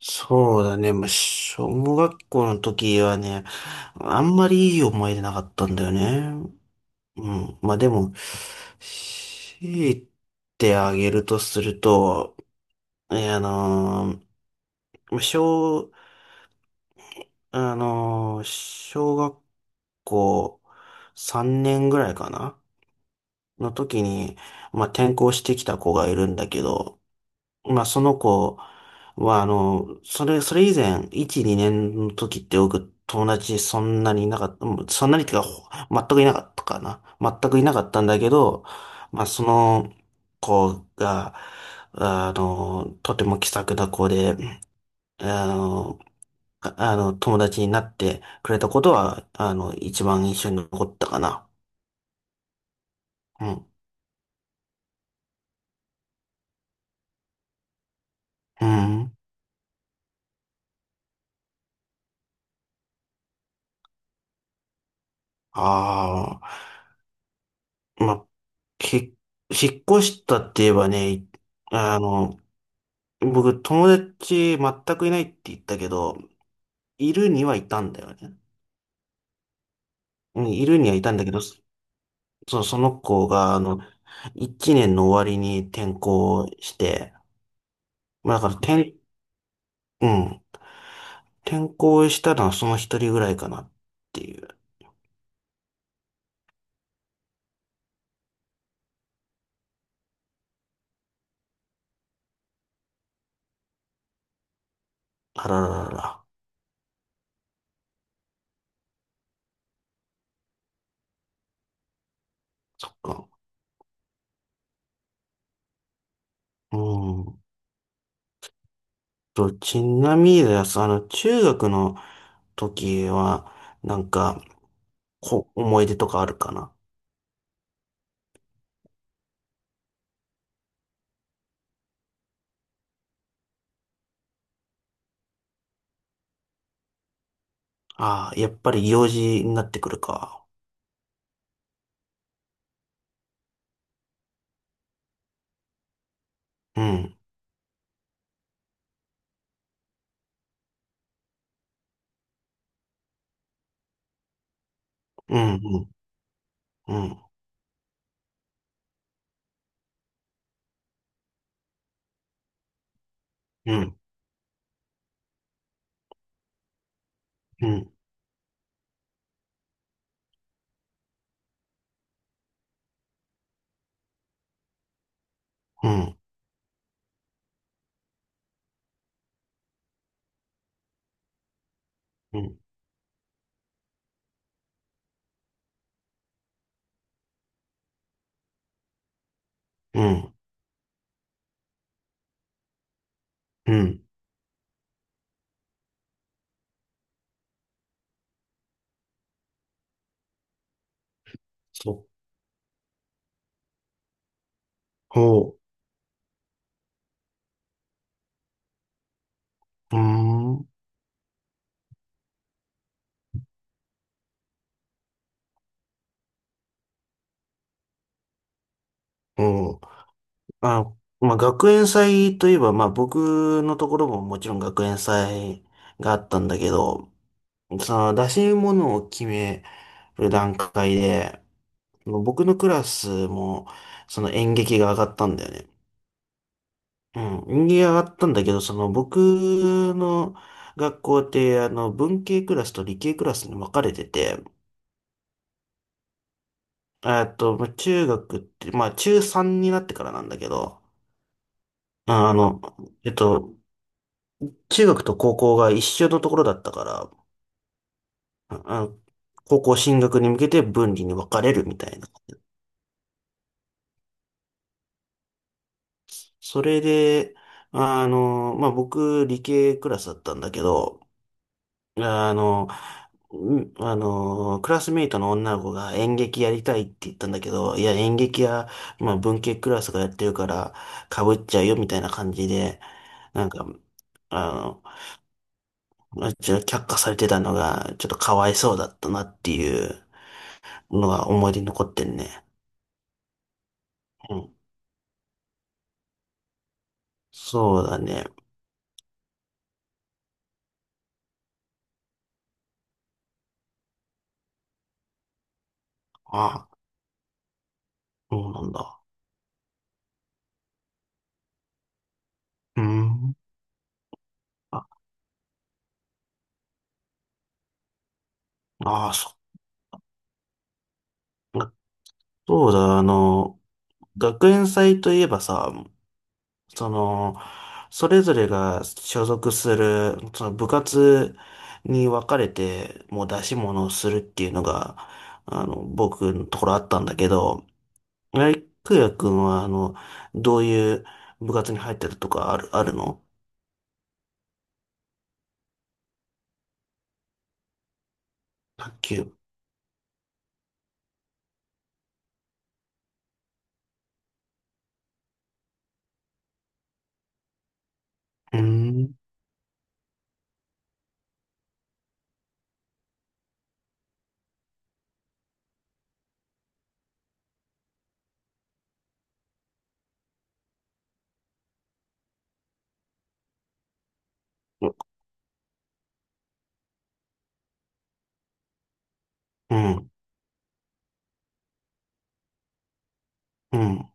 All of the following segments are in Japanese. そうだね。まあ、小学校の時はね、あんまりいい思い出なかったんだよね。うん。まあでも、強いてあげるとすると、えあのー小、あのー小学校3年ぐらいかなの時に、まあ転校してきた子がいるんだけど、まあ、その子は、あの、それ以前、1、2年の時って僕、友達そんなにいなかった、うんそんなにっていうか、全くいなかったかな。全くいなかったんだけど、まあ、その子が、あの、とても気さくな子で、あの、友達になってくれたことは、あの、一番印象に残ったかな。うん。うん。ああ、まあ、ひ、引っ越したって言えばね、あの、僕、友達全くいないって言ったけど、いるにはいたんだよね。うん、いるにはいたんだけど、そうその子が、あの、1年の終わりに転校して、まあだから転、うん、転校したのはその一人ぐらいかなっていう。あらららら。うん。ちなみにです、あの、中学の時は、なんか、思い出とかあるかな？ああ、やっぱり幼児になってくるか。うんうん。うん。うん、うん、うん、うん、うん、うん、うん。そう。ほう。うーん。うん。あ、まあ、学園祭といえば、まあ、僕のところももちろん学園祭があったんだけど、その出し物を決める段階で、僕のクラスも、その演劇が上がったんだよね。うん。演劇が上がったんだけど、その僕の学校って、あの、文系クラスと理系クラスに分かれてて、まあ中学って、まあ中3になってからなんだけど、ああの、えっと、中学と高校が一緒のところだったから、ああの高校進学に向けて分離に分かれるみたいな。それで、あの、まあ僕、理系クラスだったんだけど、あの、クラスメイトの女の子が演劇やりたいって言ったんだけど、いや、演劇や、まあ文系クラスがやってるから、被っちゃうよみたいな感じで、なんか、あの、まあ、ちょっと却下されてたのが、ちょっとかわいそうだったなっていうのが思い出に残ってんね。うん。そうだね。あ、そうなんだ。うん。あ、ああ、そうだ、あの、学園祭といえばさ、その、それぞれが所属する、その部活に分かれて、もう出し物をするっていうのが、あの、僕のところあったんだけど、ライクヤ君は、あの、どういう部活に入ってるとかあるの？卓球。うーん。うん。うん。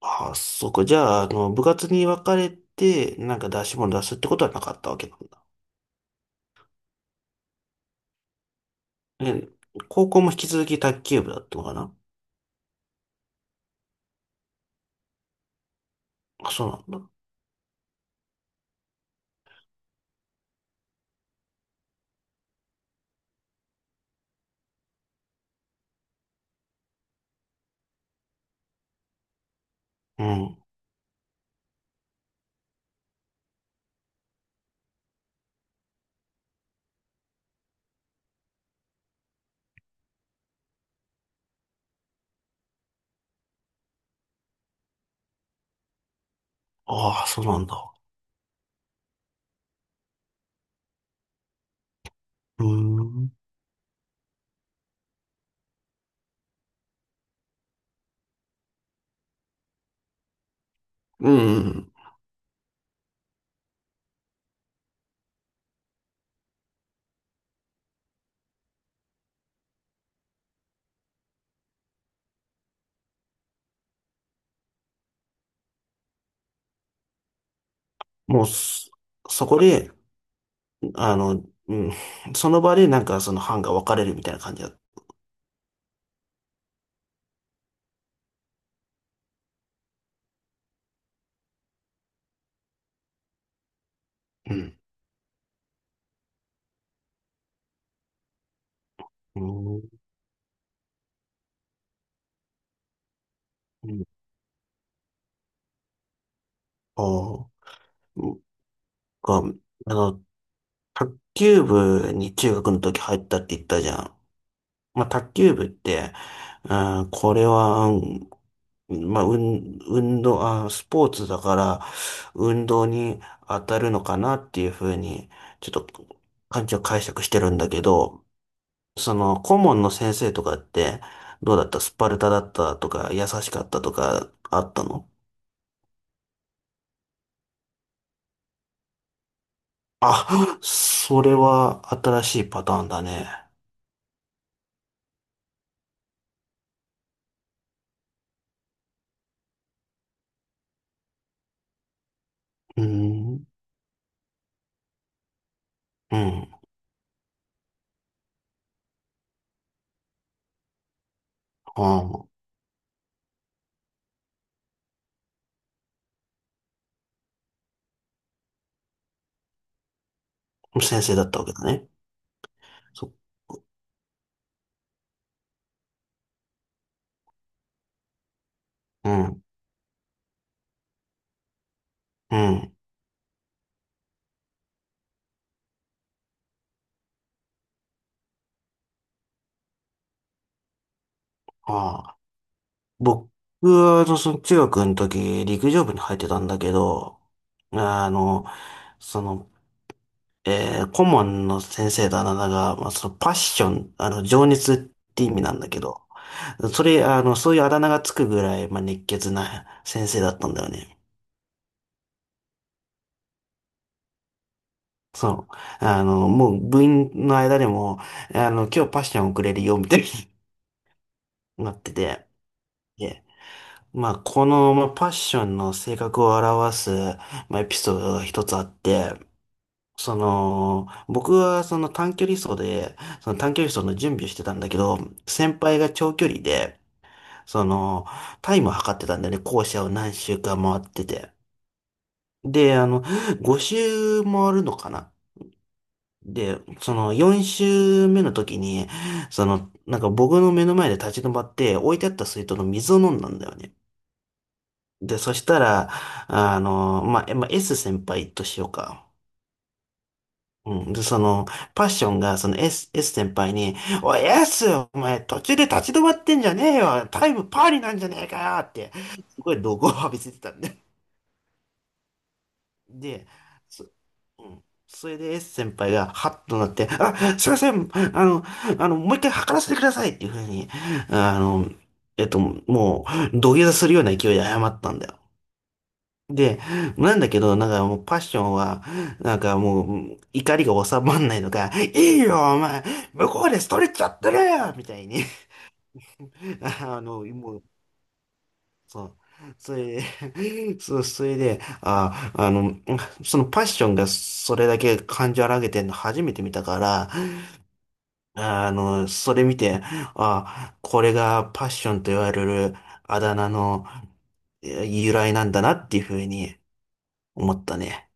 あ、そこ。じゃあ、あの、部活に分かれて、なんか出し物出すってことはなかったわけなんだ。え、高校も引き続き卓球部だったのかな？あ、そうなんだ。うん。ああ、そうなんだ。うーん。うん。うん。もうそこで、あの、うん。その場で、なんかその班が分かれるみたいな感じだ。うん。うん。うん。ああ。が、あの、卓球部に中学の時入ったって言ったじゃん。まあ、卓球部って、うん、これは、うん、まあ、運動、あ、スポーツだから、運動に当たるのかなっていうふうに、ちょっと、感じを解釈してるんだけど、その、顧問の先生とかって、どうだったスパルタだったとか、優しかったとか、あったの？あ、それは新しいパターンだね。うーん。うん。ああ、先生だったわけだね。そ、うん、うん。ああ、僕は、あのその中学の時、陸上部に入ってたんだけど、あの、その、顧問の先生だあなたが、まあ、そのパッション、あの、情熱って意味なんだけど、それ、あの、そういうあだ名がつくぐらい、まあ、熱血な先生だったんだよね。そう。あの、もう部員の間でも、あの、今日パッションをくれるよ、みたいになってて、まあ、この、まあ、パッションの性格を表す、まあ、エピソードが一つあって、その、僕はその短距離走で、その短距離走の準備をしてたんだけど、先輩が長距離で、その、タイムを測ってたんだよね。校舎を何周か回ってて。で、あの、5周回るのかな。で、その4周目の時に、その、なんか僕の目の前で立ち止まって、置いてあった水筒の水を飲んだんだよね。で、そしたら、あの、まあ、まあ、S 先輩としようか。うん。で、その、パッションが、その S 先輩に、おい、S! お前、途中で立ち止まってんじゃねえよタイムパーリなんじゃねえかよって、すごい怒号を浴びせてたんで。で、そ、うん。それで S 先輩が、ハッとなって、あ、すいません、もう一回測らせてくださいっていうふうに、あの、もう、土下座するような勢いで謝ったんだよ。で、なんだけど、なんかもうパッションは、なんかもう怒りが収まんないのか、いいよ、お前、向こうでストレッチやってるよみたいに、あの、もう、そう。それで、そう、それで、あ、あの、そのパッションがそれだけ感情荒げてんの初めて見たから、あの、それ見て、あ、これがパッションと言われるあだ名の由来なんだなっていうふうに思ったね。